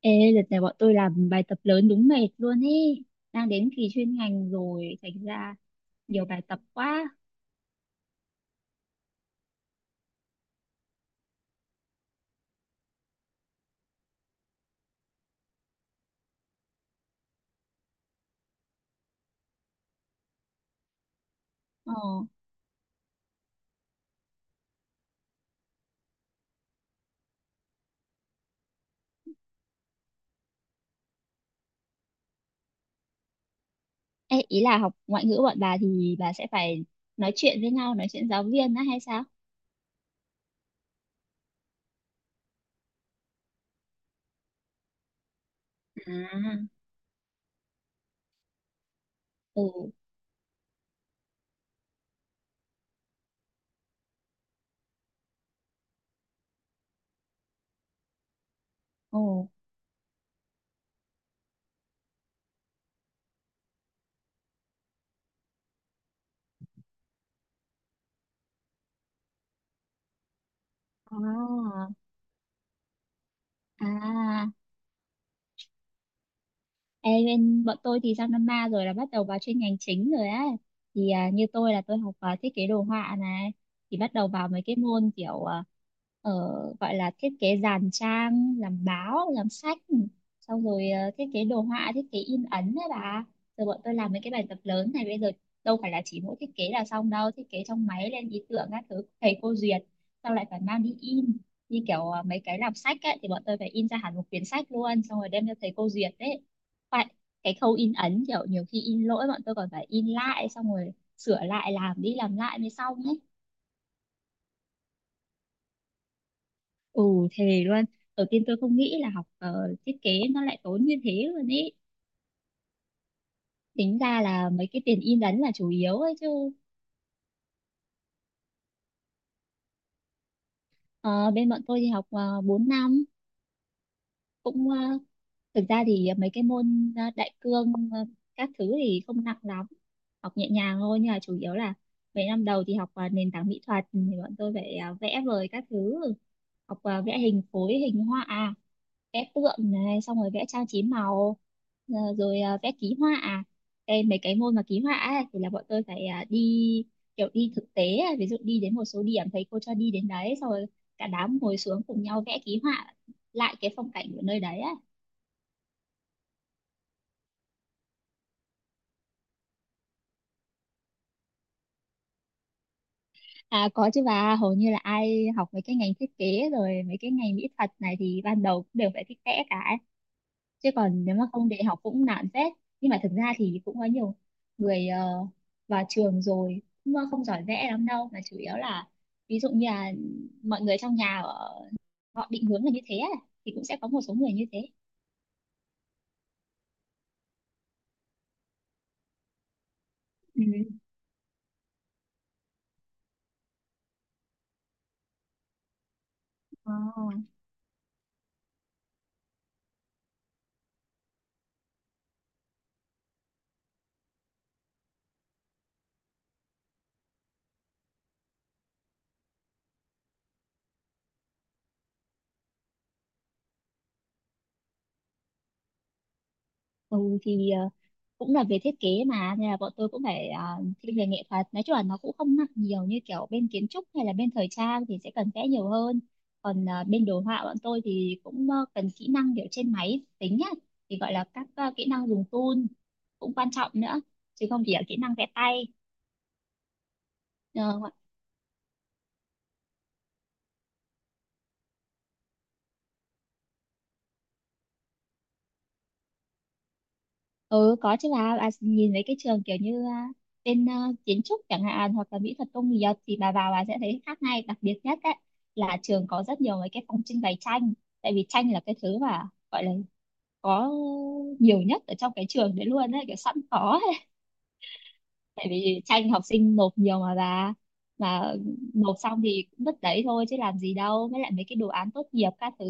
Ê, đợt này bọn tôi làm bài tập lớn đúng mệt luôn ý. Đang đến kỳ chuyên ngành rồi, thành ra nhiều bài tập quá. Ờ. Ê, ý là học ngoại ngữ bọn bà thì bà sẽ phải nói chuyện với nhau, nói chuyện giáo viên á hay sao? À. Ừ. Ồ. À. À. Ê, bên bọn tôi thì sang năm ba rồi là bắt đầu vào chuyên ngành chính rồi á, thì như tôi là tôi học thiết kế đồ họa này, thì bắt đầu vào mấy cái môn kiểu ờ, gọi là thiết kế dàn trang, làm báo, làm sách, xong rồi thiết kế đồ họa, thiết kế in ấn đấy bà. Rồi bọn tôi làm mấy cái bài tập lớn này bây giờ đâu phải là chỉ mỗi thiết kế là xong đâu, thiết kế trong máy lên ý tưởng các thứ thầy cô duyệt xong lại phải mang đi in, như kiểu mấy cái làm sách ấy, thì bọn tôi phải in ra hẳn một quyển sách luôn xong rồi đem cho thầy cô duyệt đấy. Phải, cái khâu in ấn kiểu nhiều khi in lỗi bọn tôi còn phải in lại xong rồi sửa lại làm đi làm lại mới xong ấy. Ừ, thề luôn. Đầu tiên tôi không nghĩ là học thiết kế nó lại tốn như thế luôn ấy, tính ra là mấy cái tiền in ấn là chủ yếu ấy chứ. Ờ, bên bọn tôi thì học 4 năm. Cũng thực ra thì mấy cái môn đại cương các thứ thì không nặng lắm, học nhẹ nhàng thôi, nhưng mà chủ yếu là mấy năm đầu thì học nền tảng mỹ thuật, thì bọn tôi phải vẽ vời các thứ, học vẽ hình khối, hình họa, vẽ tượng này xong rồi vẽ trang trí màu, rồi vẽ ký họa. Đây mấy cái môn mà ký họa ấy, thì là bọn tôi phải đi kiểu đi thực tế ấy. Ví dụ đi đến một số điểm thầy cô cho đi, đến đấy xong rồi cả đám ngồi xuống cùng nhau vẽ ký họa lại cái phong cảnh của nơi đấy á. À có chứ bà, hầu như là ai học mấy cái ngành thiết kế rồi mấy cái ngành mỹ thuật này thì ban đầu cũng đều phải thích vẽ cả ấy. Chứ còn nếu mà không để học cũng nản phết. Nhưng mà thực ra thì cũng có nhiều người vào trường rồi cũng không giỏi vẽ lắm đâu, mà chủ yếu là ví dụ như là mọi người trong nhà họ định hướng là như thế á, thì cũng sẽ có một số người như thế. Ừ. Ờ. Ừ thì cũng là về thiết kế mà, nên là bọn tôi cũng phải thiên về nghệ thuật, nói chung là nó cũng không nặng nhiều như kiểu bên kiến trúc hay là bên thời trang thì sẽ cần vẽ nhiều hơn. Còn bên đồ họa bọn tôi thì cũng cần kỹ năng kiểu trên máy tính nhá, thì gọi là các kỹ năng dùng tool cũng quan trọng nữa, chứ không chỉ là kỹ năng vẽ tay. Ờ, ừ có chứ bà nhìn mấy cái trường kiểu như bên kiến trúc chẳng hạn hoặc là mỹ thuật công nghiệp, thì bà vào bà sẽ thấy khác ngay. Đặc biệt nhất đấy là trường có rất nhiều mấy cái phòng trưng bày tranh, tại vì tranh là cái thứ mà gọi là có nhiều nhất ở trong cái trường đấy luôn đấy, kiểu sẵn có. Tại vì tranh học sinh nộp nhiều mà bà, mà nộp xong thì cũng vứt đấy thôi chứ làm gì đâu. Với lại mấy cái đồ án tốt nghiệp các thứ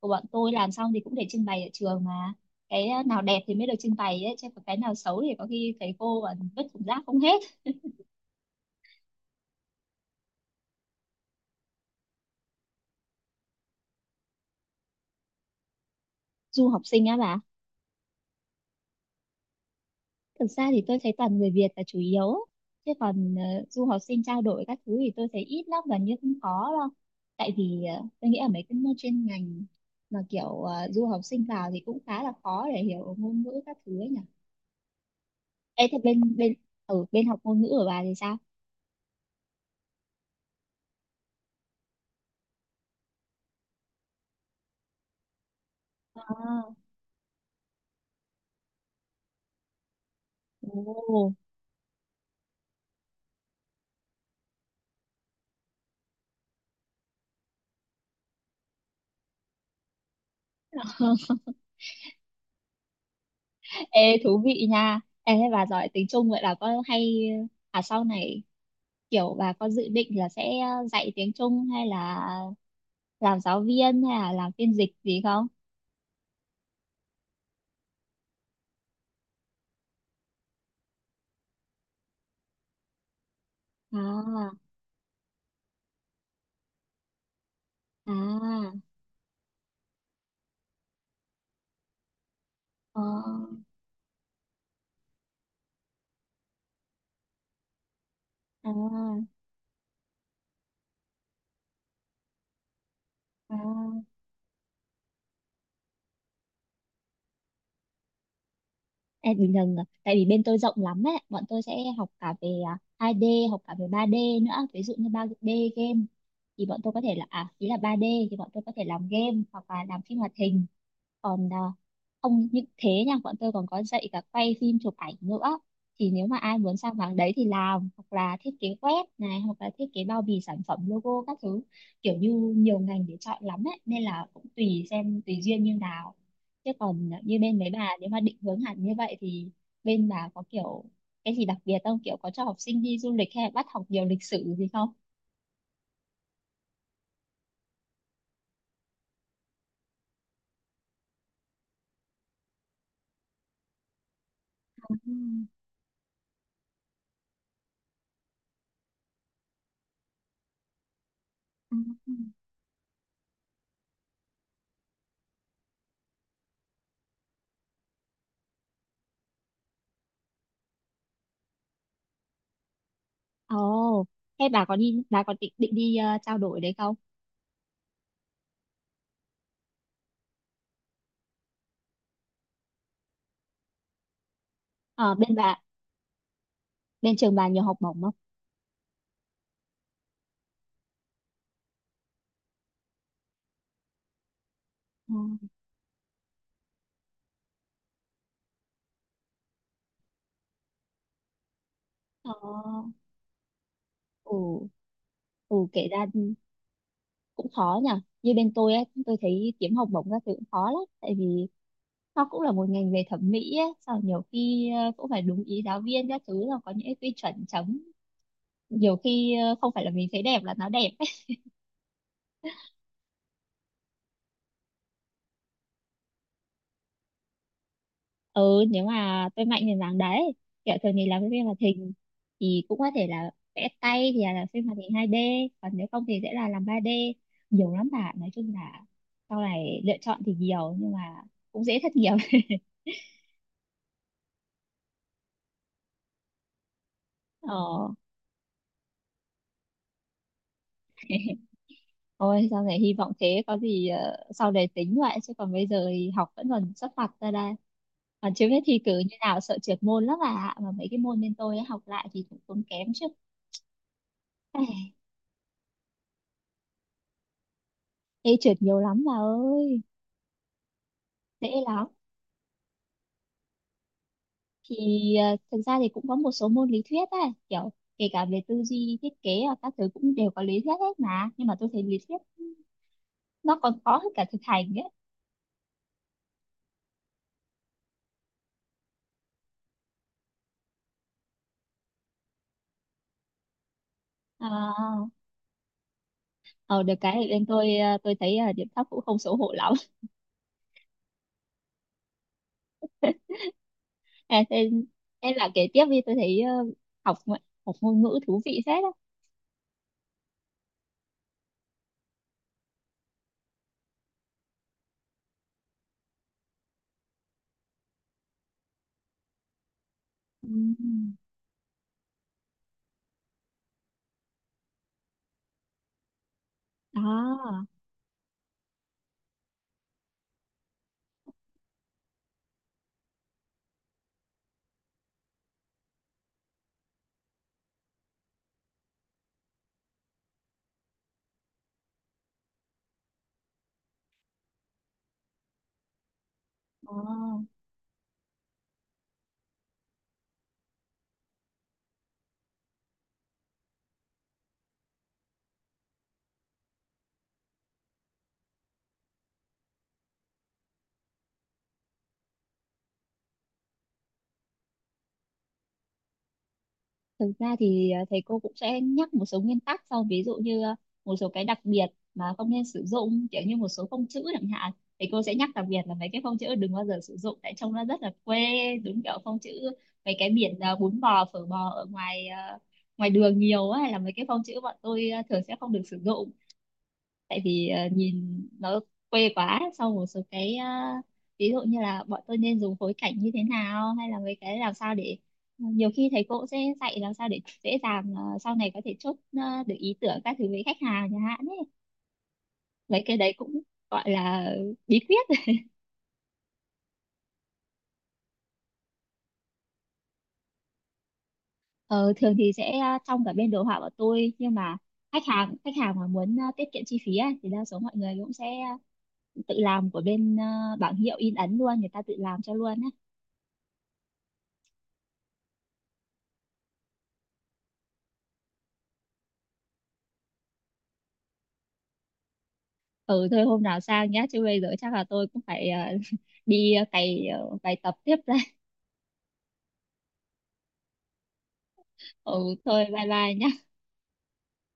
của bọn tôi làm xong thì cũng để trưng bày ở trường mà, cái nào đẹp thì mới được trưng bày ấy, chứ còn cái nào xấu thì có khi thầy cô còn vứt thùng rác không hết. Du học sinh á bà? Thực ra thì tôi thấy toàn người Việt là chủ yếu, chứ còn du học sinh trao đổi các thứ thì tôi thấy ít lắm, gần như không có đâu. Tại vì tôi nghĩ ở mấy cái môn chuyên ngành mà kiểu du học sinh vào thì cũng khá là khó để hiểu ngôn ngữ các thứ ấy nhỉ. Ê thế bên bên ở bên học ngôn ngữ của bà thì sao? À, ồ. Ê thú vị nha. Ê thế bà giỏi tiếng Trung vậy là có hay sau này kiểu bà có dự định là sẽ dạy tiếng Trung hay là làm giáo viên hay là làm phiên dịch gì không? À. À. À. À. À. Ê, bình thường tại vì bên tôi rộng lắm ấy, bọn tôi sẽ học cả về 2D, học cả về 3D nữa, ví dụ như 3D game, thì bọn tôi có thể là ý là 3D thì bọn tôi có thể làm game hoặc là làm phim hoạt hình. Còn không những thế nha, bọn tôi còn có dạy cả quay phim, chụp ảnh nữa, thì nếu mà ai muốn sang mảng đấy thì làm, hoặc là thiết kế web này, hoặc là thiết kế bao bì sản phẩm, logo các thứ, kiểu như nhiều ngành để chọn lắm ấy, nên là cũng tùy xem tùy duyên như nào. Chứ còn như bên mấy bà nếu mà định hướng hẳn như vậy thì bên bà có kiểu cái gì đặc biệt không, kiểu có cho học sinh đi du lịch hay là bắt học nhiều lịch sử gì không? Ừ, ừ, ừ. Ồ, thế bà có định định đi trao đổi đấy không? Ờ, bên trường bà nhiều học bổng không? Ừ. Ờ, ừ, ừ, kể ra cũng khó nhỉ, như bên tôi ấy, tôi thấy kiếm học bổng các thứ cũng khó lắm, tại vì nó cũng là một ngành về thẩm mỹ ấy, sau nhiều khi cũng phải đúng ý giáo viên các thứ, là có những cái quy chuẩn chấm, nhiều khi không phải là mình thấy đẹp là nó đẹp ấy. Ừ nếu mà tôi mạnh thì dáng đấy, kiểu thường thì làm cái phim hoạt hình thì cũng có thể là vẽ tay thì là làm phim hoạt hình 2D, còn nếu không thì sẽ là làm 3D. Nhiều lắm bạn, nói chung là sau này lựa chọn thì nhiều, nhưng mà cũng dễ thất nghiệp. ờ ôi sau này hy vọng thế, có gì sau này tính vậy, chứ còn bây giờ thì học vẫn còn sắp mặt ra đây, còn chưa biết thi cử như nào, sợ trượt môn lắm. À mà mấy cái môn bên tôi ấy, học lại thì cũng tốn kém chứ. Ê trượt nhiều lắm bà ơi, dễ lắm. Thì thực ra thì cũng có một số môn lý thuyết ấy, kiểu kể cả về tư duy, thiết kế và các thứ cũng đều có lý thuyết hết mà. Nhưng mà tôi thấy lý thuyết nó còn khó hơn cả thực hành ấy. À, ờ, được cái thì bên tôi tôi thấy điểm thấp cũng không xấu hổ lắm. À, thế là kể tiếp đi, tôi thấy học ngôn ngữ thú vị phết á. Ừ. Đó, đó. Thực ra thì thầy cô cũng sẽ nhắc một số nguyên tắc, sau ví dụ như một số cái đặc biệt mà không nên sử dụng, kiểu như một số phông chữ chẳng hạn. Thầy cô sẽ nhắc đặc biệt là mấy cái phông chữ đừng bao giờ sử dụng tại trông nó rất là quê, đúng kiểu phông chữ mấy cái biển bún bò phở bò ngoài đường nhiều ấy, là mấy cái phông chữ bọn tôi thường sẽ không được sử dụng, tại vì nhìn nó quê quá. Sau một số cái ví dụ như là bọn tôi nên dùng phối cảnh như thế nào, hay là mấy cái làm sao để nhiều khi thầy cô sẽ dạy làm sao để dễ dàng sau này có thể chốt được ý tưởng các thứ với khách hàng chẳng hạn ấy, mấy cái đấy cũng gọi là bí quyết. Ờ, thường thì sẽ trong cả bên đồ họa của tôi, nhưng mà khách hàng mà muốn tiết kiệm chi phí á, thì đa số mọi người cũng sẽ tự làm của bên bảng hiệu in ấn luôn, người ta tự làm cho luôn á. Ừ thôi hôm nào sang nhá, chứ bây giờ chắc là tôi cũng phải đi cày bài tập tiếp đây. Ừ thôi bye bye nhá.